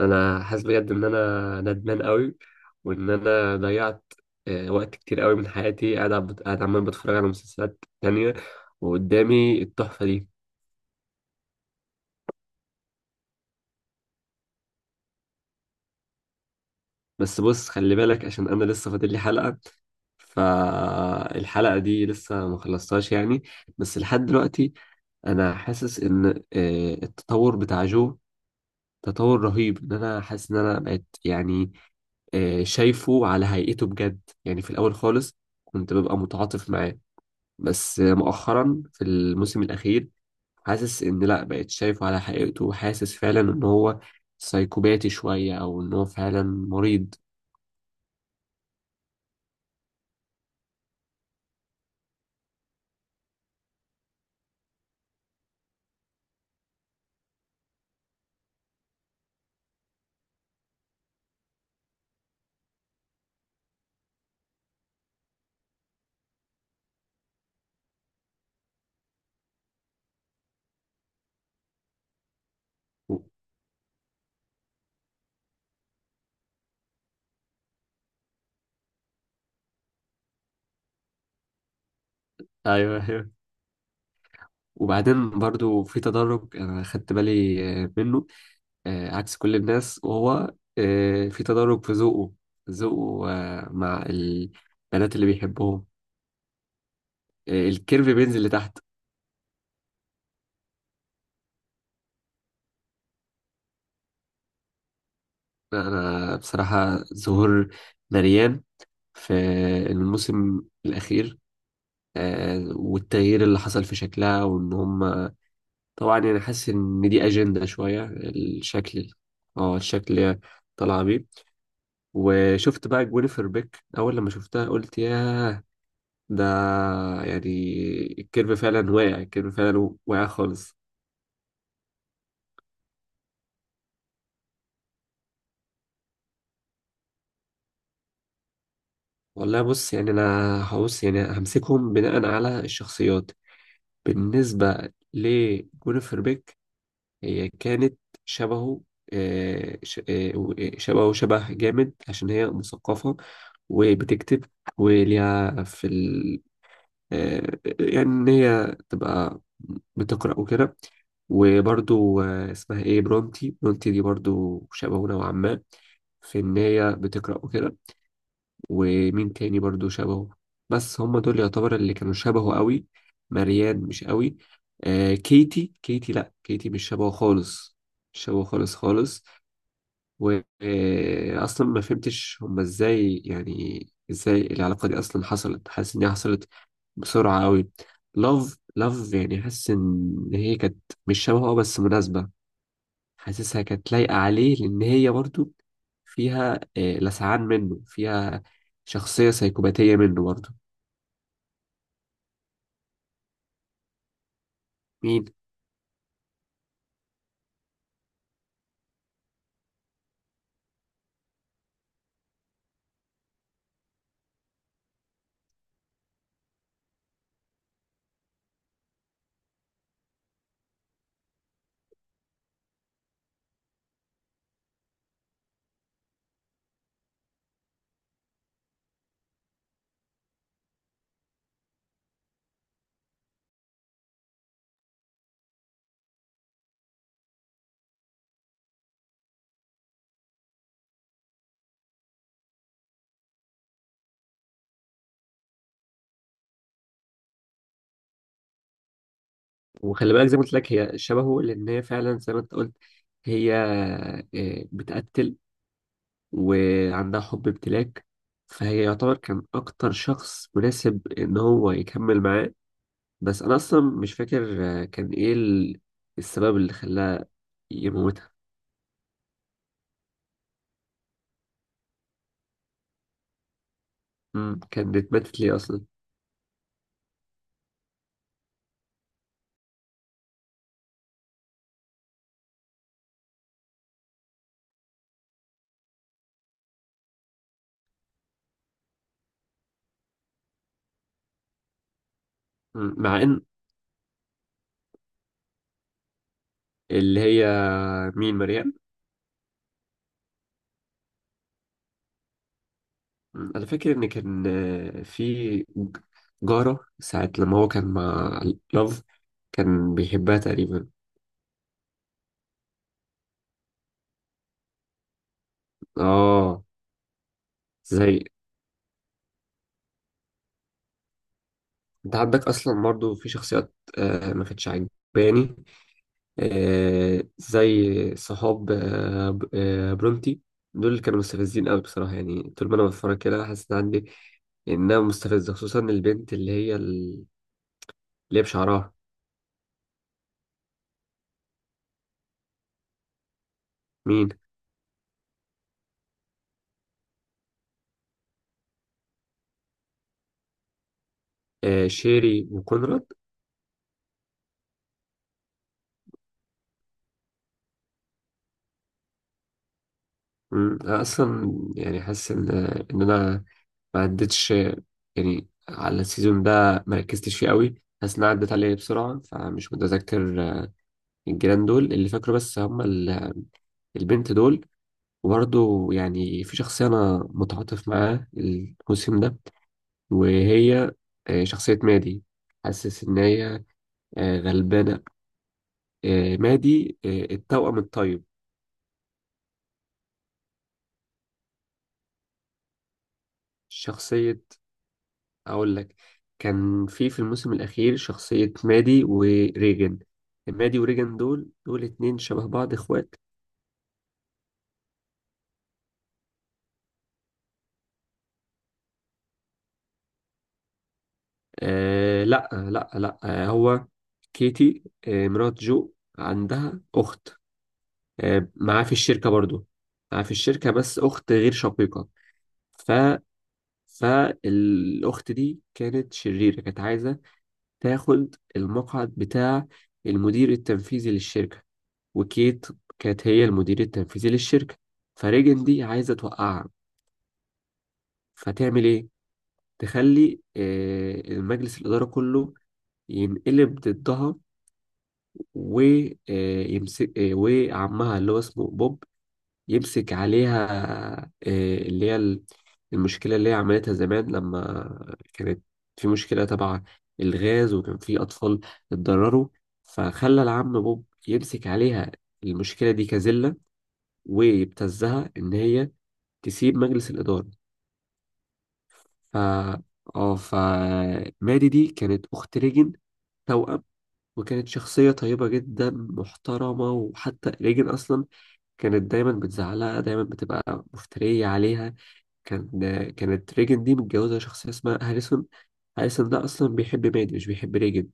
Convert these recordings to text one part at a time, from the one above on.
انا حاسس بجد ان انا ندمان قوي، وان انا ضيعت وقت كتير قوي من حياتي. قاعد عمال بتفرج على مسلسلات تانية، وقدامي التحفة دي. بس بص، خلي بالك عشان انا لسه فاضل لي حلقة، فالحلقة دي لسه ما خلصتهاش يعني. بس لحد دلوقتي انا حاسس ان التطور بتاع جو تطور رهيب، ان انا حاسس ان انا بقيت يعني شايفه على هيئته بجد. يعني في الاول خالص كنت ببقى متعاطف معاه، بس مؤخرا في الموسم الأخير حاسس إن لأ، بقيت شايفه على حقيقته، وحاسس فعلا إن هو سايكوباتي شوية، أو إن هو فعلا مريض. و- أيوه، أيوه. وبعدين برضو في تدرج أنا خدت بالي منه، عكس كل الناس، وهو في تدرج في ذوقه، ذوقه مع البنات اللي بيحبهم. الكيرف بينزل لتحت. أنا بصراحة ظهور مريان في الموسم الأخير والتغيير اللي حصل في شكلها، وان هم طبعا يعني حاسس ان دي اجندة شوية. الشكل اللي هي طالعة بيه. وشفت بقى جوينيفر بيك، اول لما شفتها قلت ياه. ده يعني الكيرف فعلا واقع، الكيرف فعلا واقع خالص. والله بص، يعني انا هبص يعني همسكهم بناء على الشخصيات. بالنسبة لجوينيفر بيك، هي كانت شبهه آه، ش- آه، و- آه، شبهه شبه جامد عشان هي مثقفة وبتكتب، وليها يعني إن هي تبقى بتقرأ وكده. وبرضو اسمها إيه، برونتي. برونتي دي برضو شبهه نوعا ما في إن هي بتقرأ وكده. ومين تاني برضو شبهه؟ بس هم دول يعتبر اللي كانوا شبهه قوي. مريان مش قوي. كيتي، كيتي، لا، كيتي مش شبهه خالص، مش شبهه خالص خالص. واصلا ما فهمتش هم ازاي، يعني ازاي العلاقة دي اصلا حصلت. حاسس ان هي حصلت بسرعة قوي. لاف، لاف يعني حاسس ان هي كانت مش شبهه، بس مناسبة. حاسسها كانت لايقة عليه لأن هي برضو فيها لسعان منه، فيها شخصية سيكوباتية منه برضو. مين؟ وخلي بالك، زي ما قلت لك، هي شبهه لأن هي فعلا زي ما أنت قلت هي بتقتل وعندها حب امتلاك. فهي يعتبر كان أكتر شخص مناسب إن هو يكمل معاه. بس أنا أصلا مش فاكر كان إيه السبب اللي خلاها يموتها. كانت ماتت ليه أصلا؟ مع إن اللي هي، مين، مريم؟ انا فاكر ان كان في جارة ساعة لما هو كان مع لاف، كان بيحبها تقريبا. اه، زي انت عندك اصلا برضه في شخصيات ما كانتش عجباني، زي صحاب برونتي. دول اللي كانوا مستفزين قوي بصراحة، يعني طول ما انا بتفرج كده حاسس ان عندي انها مستفزة، خصوصا البنت اللي هي اللي هي بشعرها. مين؟ آه، شيري وكونراد. أنا أصلا يعني حاسس إن أنا ما عدتش، يعني على السيزون ده ما ركزتش فيه قوي. حاسس إن أنا عدت عليه بسرعة، فمش متذكر الجيران دول. اللي فاكره بس هم البنت دول. وبرضه يعني في شخصية أنا متعاطف معاها الموسم ده، وهي شخصية مادي. حاسس إن هي غلبانة، مادي، التوأم الطيب. شخصية، اقول لك، كان في الموسم الاخير شخصية مادي وريجن. مادي وريجن دول اتنين شبه بعض، اخوات. آه، لا، لا، لا، هو كيتي، مرات جو، عندها اخت معاه في الشركة برضو، معاه في الشركة، بس اخت غير شقيقة. ف فالاخت دي كانت شريرة، كانت عايزة تاخد المقعد بتاع المدير التنفيذي للشركة. وكيت كانت هي المدير التنفيذي للشركة. فريجن دي عايزة توقعها. فتعمل إيه؟ تخلي المجلس الإدارة كله ينقلب ضدها، ويمسك. وعمها اللي هو اسمه بوب يمسك عليها اللي هي المشكلة اللي هي عملتها زمان لما كانت في مشكلة تبع الغاز وكان في أطفال اتضرروا. فخلى العم بوب يمسك عليها المشكلة دي كزلة، ويبتزها إن هي تسيب مجلس الإدارة. ف اه ف مادي دي كانت أخت ريجن، توأم، وكانت شخصية طيبة جدا محترمة. وحتى ريجن أصلا كانت دايما بتزعلها، دايما بتبقى مفترية عليها. كان كانت ريجن دي متجوزة شخصية اسمها هاريسون. هاريسون ده أصلا بيحب مادي، مش بيحب ريجن.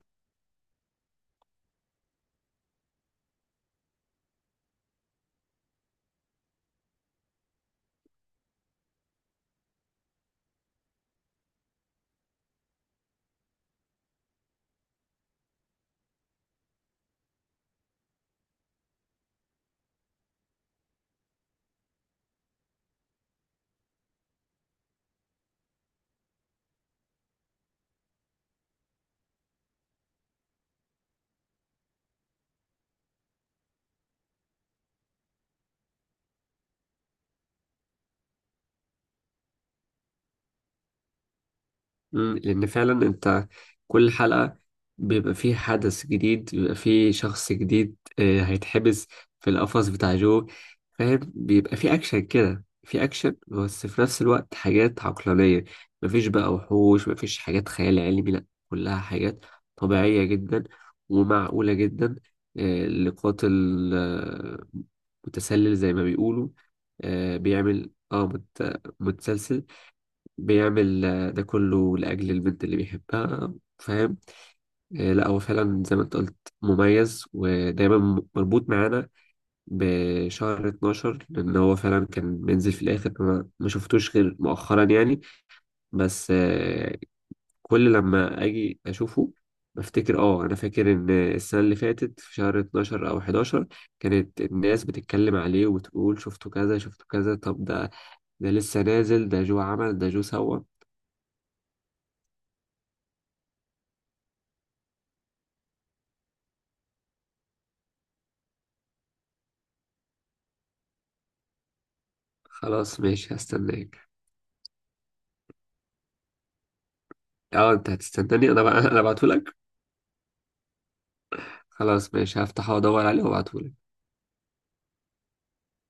لأن فعلا أنت، كل حلقة بيبقى فيه حدث جديد، بيبقى فيه شخص جديد هيتحبس في القفص بتاع جو. فاهم؟ بيبقى فيه أكشن كده، فيه أكشن، بس في نفس الوقت حاجات عقلانية. مفيش بقى وحوش، مفيش حاجات خيال علمي، لأ كلها حاجات طبيعية جدا ومعقولة جدا. لقاتل متسلل زي ما بيقولوا. بيعمل متسلسل، بيعمل ده كله لأجل البنت اللي بيحبها. فاهم؟ لا هو فعلا زي ما انت قلت، مميز ودايما مربوط معانا بشهر 12، لأن هو فعلا كان بينزل في الآخر. أنا ما شفتوش غير مؤخرا يعني، بس كل لما أجي أشوفه بفتكر. اه انا فاكر ان السنه اللي فاتت في شهر 12 او 11 كانت الناس بتتكلم عليه، وتقول شفتوا كذا، شفتوا كذا، طب ده لسه نازل، ده جو عمل، ده جو سوى. خلاص ماشي، هستناك. اه، انت هتستناني انا بقى؟ انا ابعتهولك. خلاص ماشي، هفتحه وادور عليه وابعتهولك.